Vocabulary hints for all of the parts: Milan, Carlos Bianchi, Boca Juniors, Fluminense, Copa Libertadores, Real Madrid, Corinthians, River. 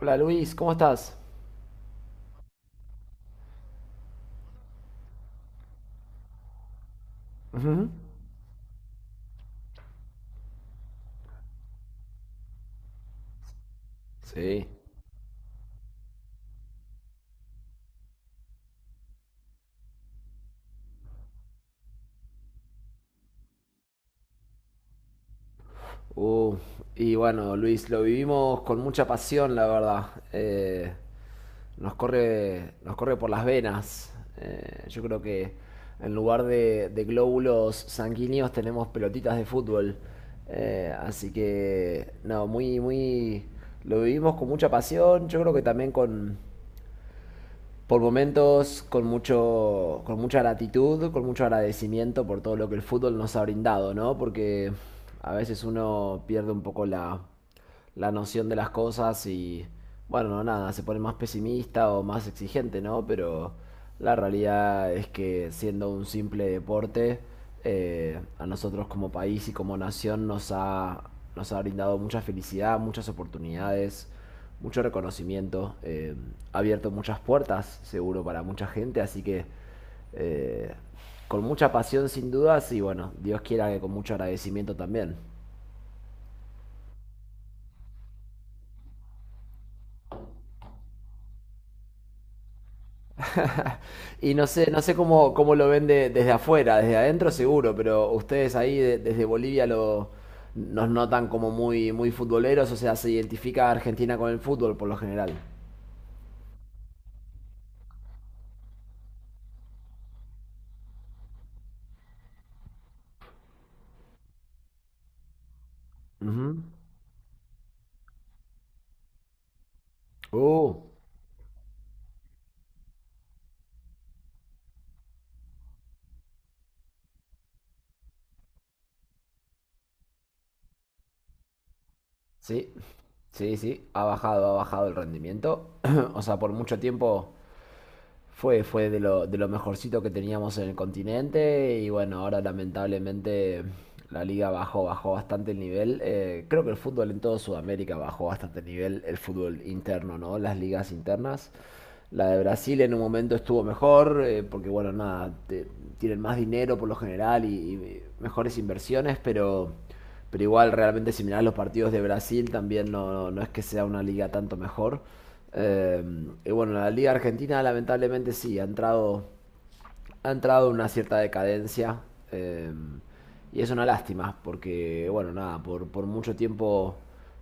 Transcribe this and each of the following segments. Hola Luis, ¿cómo estás? Ujú. Sí. Uh, y bueno, Luis, lo vivimos con mucha pasión, la verdad. Eh, nos corre por las venas. Yo creo que en lugar de glóbulos sanguíneos tenemos pelotitas de fútbol. Así que, no, lo vivimos con mucha pasión. Yo creo que también con, por momentos con, mucho, con mucha gratitud, con mucho agradecimiento por todo lo que el fútbol nos ha brindado, ¿no? Porque a veces uno pierde un poco la noción de las cosas y, bueno, nada, se pone más pesimista o más exigente, ¿no? Pero la realidad es que siendo un simple deporte, a nosotros como país y como nos ha brindado mucha felicidad, muchas oportunidades, mucho reconocimiento, ha abierto muchas puertas, seguro, para mucha gente, así que eh, con mucha pasión sin dudas y bueno, Dios quiera que con mucho agradecimiento también. Y no sé, no sé cómo, cómo lo ven desde afuera, desde adentro seguro, pero ustedes ahí desde Bolivia nos notan como muy futboleros, o sea, se identifica a Argentina con el fútbol por lo general. Ujú. Uh, sí, sí, sí, ha bajado el rendimiento. O sea, por mucho tiempo fue de lo mejorcito que teníamos en el continente y bueno, ahora lamentablemente la liga bajó, bajó bastante el nivel. Creo que el fútbol en toda Sudamérica bajó bastante el nivel, el fútbol interno, ¿no? Las ligas internas. La de Brasil en un momento estuvo mejor, porque bueno, nada, tienen más dinero por lo general y mejores inversiones, pero igual realmente si mirás los partidos de Brasil también no, no, no es que sea una liga tanto mejor. Eh, y bueno, la Liga Argentina lamentablemente sí, ha entrado en una cierta decadencia. eh, y es una lástima, porque, bueno, nada, por mucho tiempo,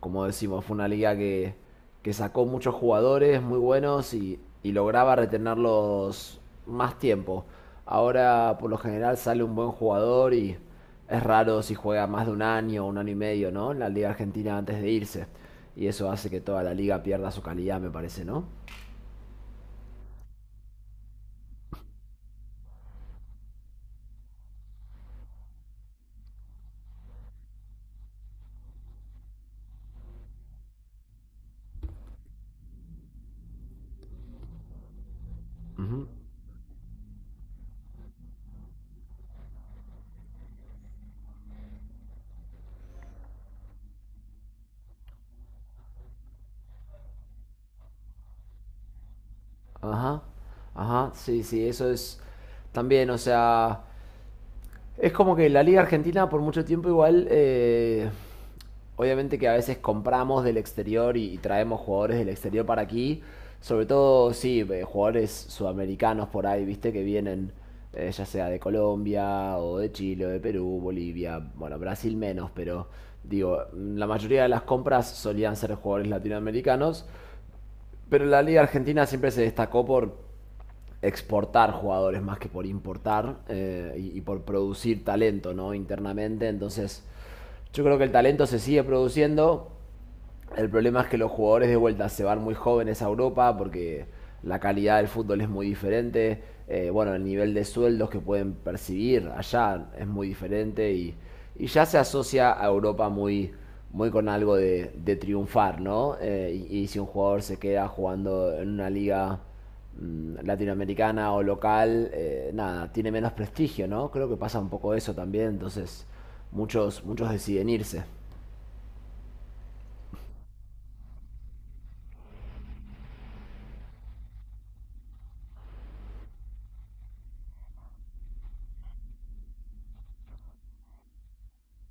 como decimos, fue una liga que sacó muchos jugadores muy buenos y lograba retenerlos más tiempo. Ahora, por lo general, sale un buen jugador y es raro si juega más de un año o un año y medio, ¿no? En la Liga Argentina antes de irse. Y eso hace que toda la liga pierda su calidad, me parece, ¿no? Ujú. Ajá, ajá, sí, sí, eso es también, o sea, es como que la Liga Argentina por mucho tiempo igual, obviamente que a veces compramos del exterior y traemos jugadores del exterior para aquí, sobre todo, sí, jugadores sudamericanos por ahí, viste, que vienen ya sea de Colombia o de Chile o de Perú, Bolivia, bueno, Brasil menos, pero digo, la mayoría de las compras solían ser jugadores latinoamericanos, pero la Liga Argentina siempre se destacó por exportar jugadores más que por importar y por producir talento, ¿no? Internamente, entonces yo creo que el talento se sigue produciendo, el problema es que los jugadores de vuelta se van muy jóvenes a Europa porque la calidad del fútbol es muy diferente. Bueno, el nivel de sueldos que pueden percibir allá es muy diferente y ya se asocia a Europa muy con algo de triunfar, ¿no? Y si un jugador se queda jugando en una liga latinoamericana o local, nada, tiene menos prestigio, ¿no? Creo que pasa un poco eso también, entonces muchos deciden irse.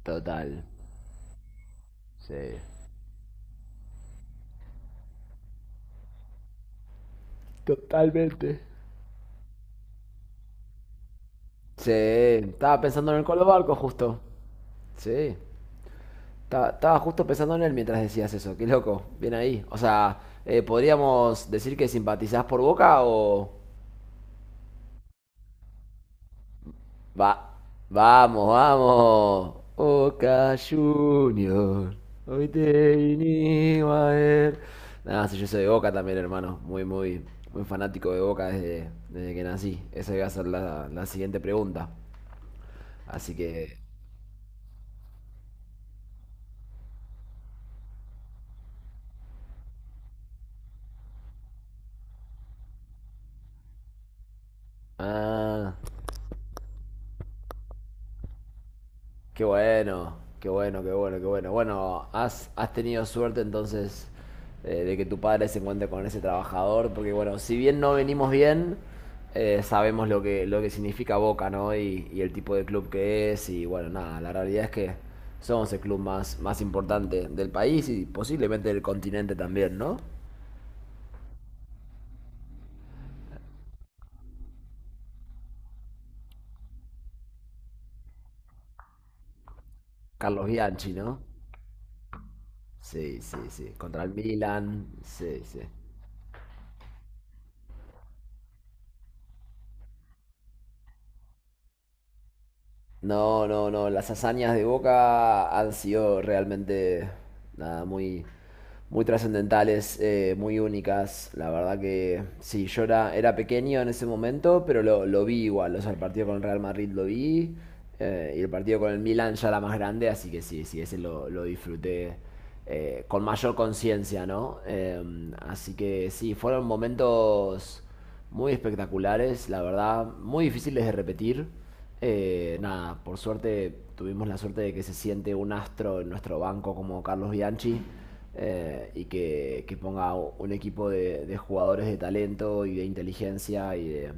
Total, sí. Totalmente. Sí, estaba pensando en el Colo Barco justo. Sí, estaba justo pensando en él mientras decías eso. Qué loco, bien ahí. O sea, podríamos decir que simpatizás por Boca o... Va, vamos, vamos. Boca Junior. Hoy te vinimos a ver. Nada, sí, yo soy de Boca también, hermano. Muy fanático de Boca desde que nací. Esa iba a ser la siguiente pregunta. Así que... Ah... Qué bueno, qué bueno, qué bueno, qué bueno. Bueno, has tenido suerte entonces de que tu padre se encuentre con ese trabajador, porque bueno, si bien no venimos bien, sabemos lo lo que significa Boca, ¿no? Y el tipo de club que es, y bueno, nada, la realidad es que somos el club más importante del país y posiblemente del continente también, ¿no? Carlos Bianchi, ¿no? Sí, sí, sí. Contra el Milan, sí, sí. No, no, no. Las hazañas de Boca han sido realmente nada, muy trascendentales, muy únicas. La verdad que sí, era pequeño en ese momento, pero lo vi igual. O sea, el partido con el Real Madrid lo vi y el partido con el Milan ya era más grande, así que sí, sí, ese lo disfruté con mayor conciencia, ¿no? Así que sí, fueron momentos muy espectaculares, la verdad, muy difíciles de repetir. Nada, por suerte tuvimos la suerte de que se siente un astro en nuestro banco como Carlos Bianchi y que ponga un equipo de jugadores de talento y de inteligencia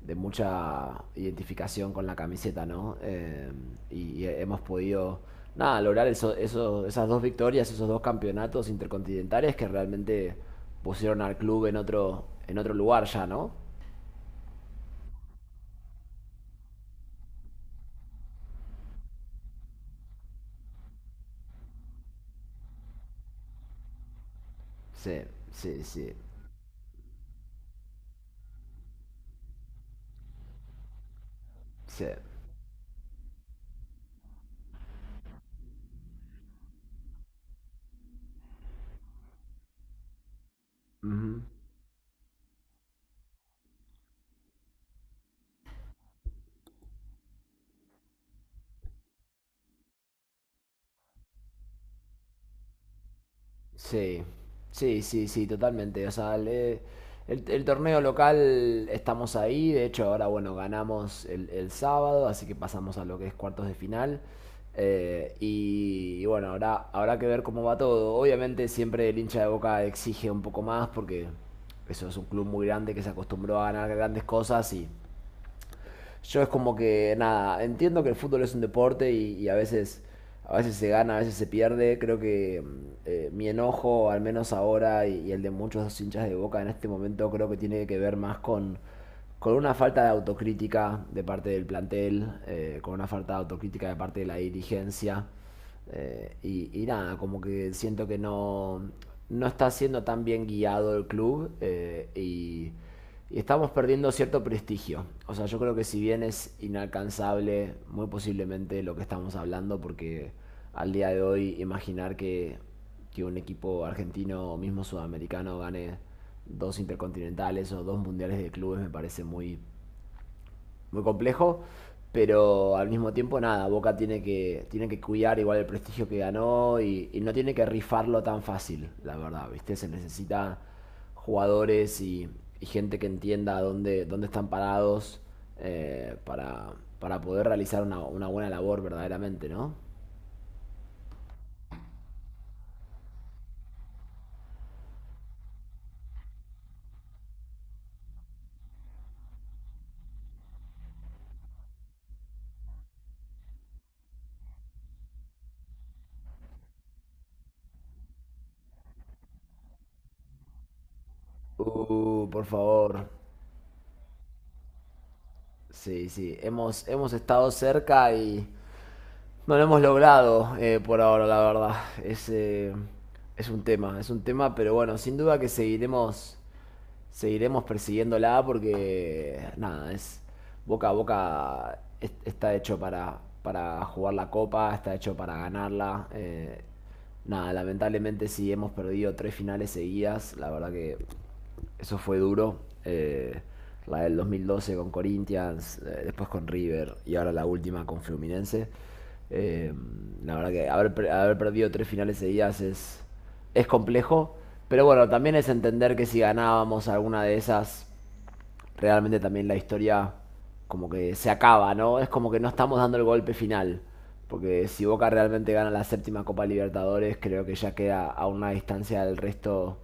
de mucha identificación con la camiseta, ¿no? Y hemos podido, nada, lograr eso, esas dos victorias, esos dos campeonatos intercontinentales que realmente pusieron al club en otro lugar ya, ¿no? Sí, sí, sí, sí. Ujú. Sí, sí, sí, sí, totalmente. O sea, el torneo local estamos ahí. De hecho, ahora, bueno, ganamos el sábado, así que pasamos a lo que es cuartos de final. Y bueno, ahora habrá que ver cómo va todo. Obviamente, siempre el hincha de Boca exige un poco más porque eso es un club muy grande que se acostumbró a ganar grandes cosas y yo es como que, nada, entiendo que el fútbol es un deporte y a veces... A veces se gana, a veces se pierde. Creo que mi enojo, al menos ahora, y el de muchos hinchas de Boca en este momento, creo que tiene que ver más con una falta de autocrítica de parte del plantel, con una falta de autocrítica de parte de la dirigencia. Y nada, como que siento que no, no está siendo tan bien guiado el club y estamos perdiendo cierto prestigio. O sea, yo creo que si bien es inalcanzable, muy posiblemente lo que estamos hablando, porque al día de hoy imaginar que un equipo argentino o mismo sudamericano gane dos intercontinentales o dos mundiales de clubes me parece muy muy complejo. Pero al mismo tiempo, nada, Boca tiene tiene que cuidar igual el prestigio que ganó y no tiene que rifarlo tan fácil, la verdad, ¿viste? Se necesita jugadores y gente que entienda dónde están parados eh, para, para poder realizar una buena labor verdaderamente, ¿no? Por favor. Sí, sí. Hemos, hemos estado cerca y, no lo hemos logrado por ahora, la verdad. Es, eh, es un tema, es un tema, pero bueno, sin duda que seguiremos seguiremos persiguiéndola porque, nada, es boca a boca está hecho para jugar la copa, está hecho para ganarla. Nada, lamentablemente sí hemos perdido tres finales seguidas, la verdad que eso fue duro. La del 2012 con Corinthians, después con River y ahora la última con Fluminense. Eh, la verdad que haber perdido tres finales seguidas es complejo. Pero bueno, también es entender que si ganábamos alguna de esas, realmente también la historia como que se acaba, ¿no? Es como que no estamos dando el golpe final. Porque si Boca realmente gana la séptima Copa Libertadores, creo que ya queda a una distancia del resto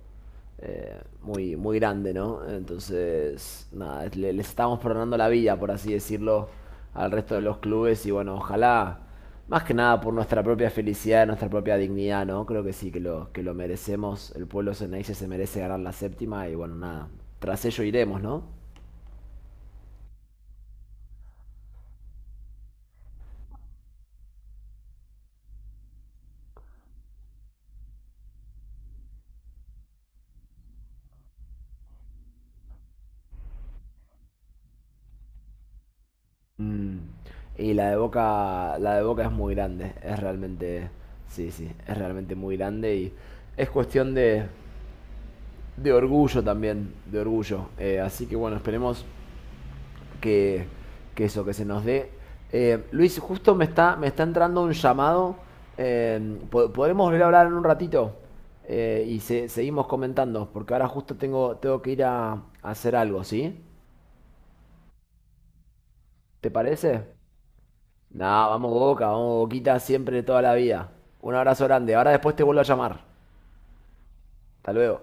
muy grande, ¿no? Entonces, nada, les estamos perdonando la vida, por así decirlo, al resto de los clubes. Y bueno, ojalá, más que nada por nuestra propia felicidad, nuestra propia dignidad, ¿no? Creo que sí, que lo merecemos. El pueblo ceneice se merece ganar la séptima y bueno, nada, tras ello iremos, ¿no? Mm, y la de Boca es muy grande, es realmente, sí, sí, es realmente muy grande y es cuestión de orgullo también, de orgullo. Así que bueno, esperemos que, que eso, que se nos dé. Luis, justo me está entrando un llamado. ¿Podremos volver a hablar en un ratito? Seguimos comentando, porque ahora justo tengo, tengo que ir a hacer algo, ¿sí? ¿Te parece? Nah, vamos Boca, vamos Boquita siempre toda la vida. Un abrazo grande. Ahora después te vuelvo a llamar. Hasta luego.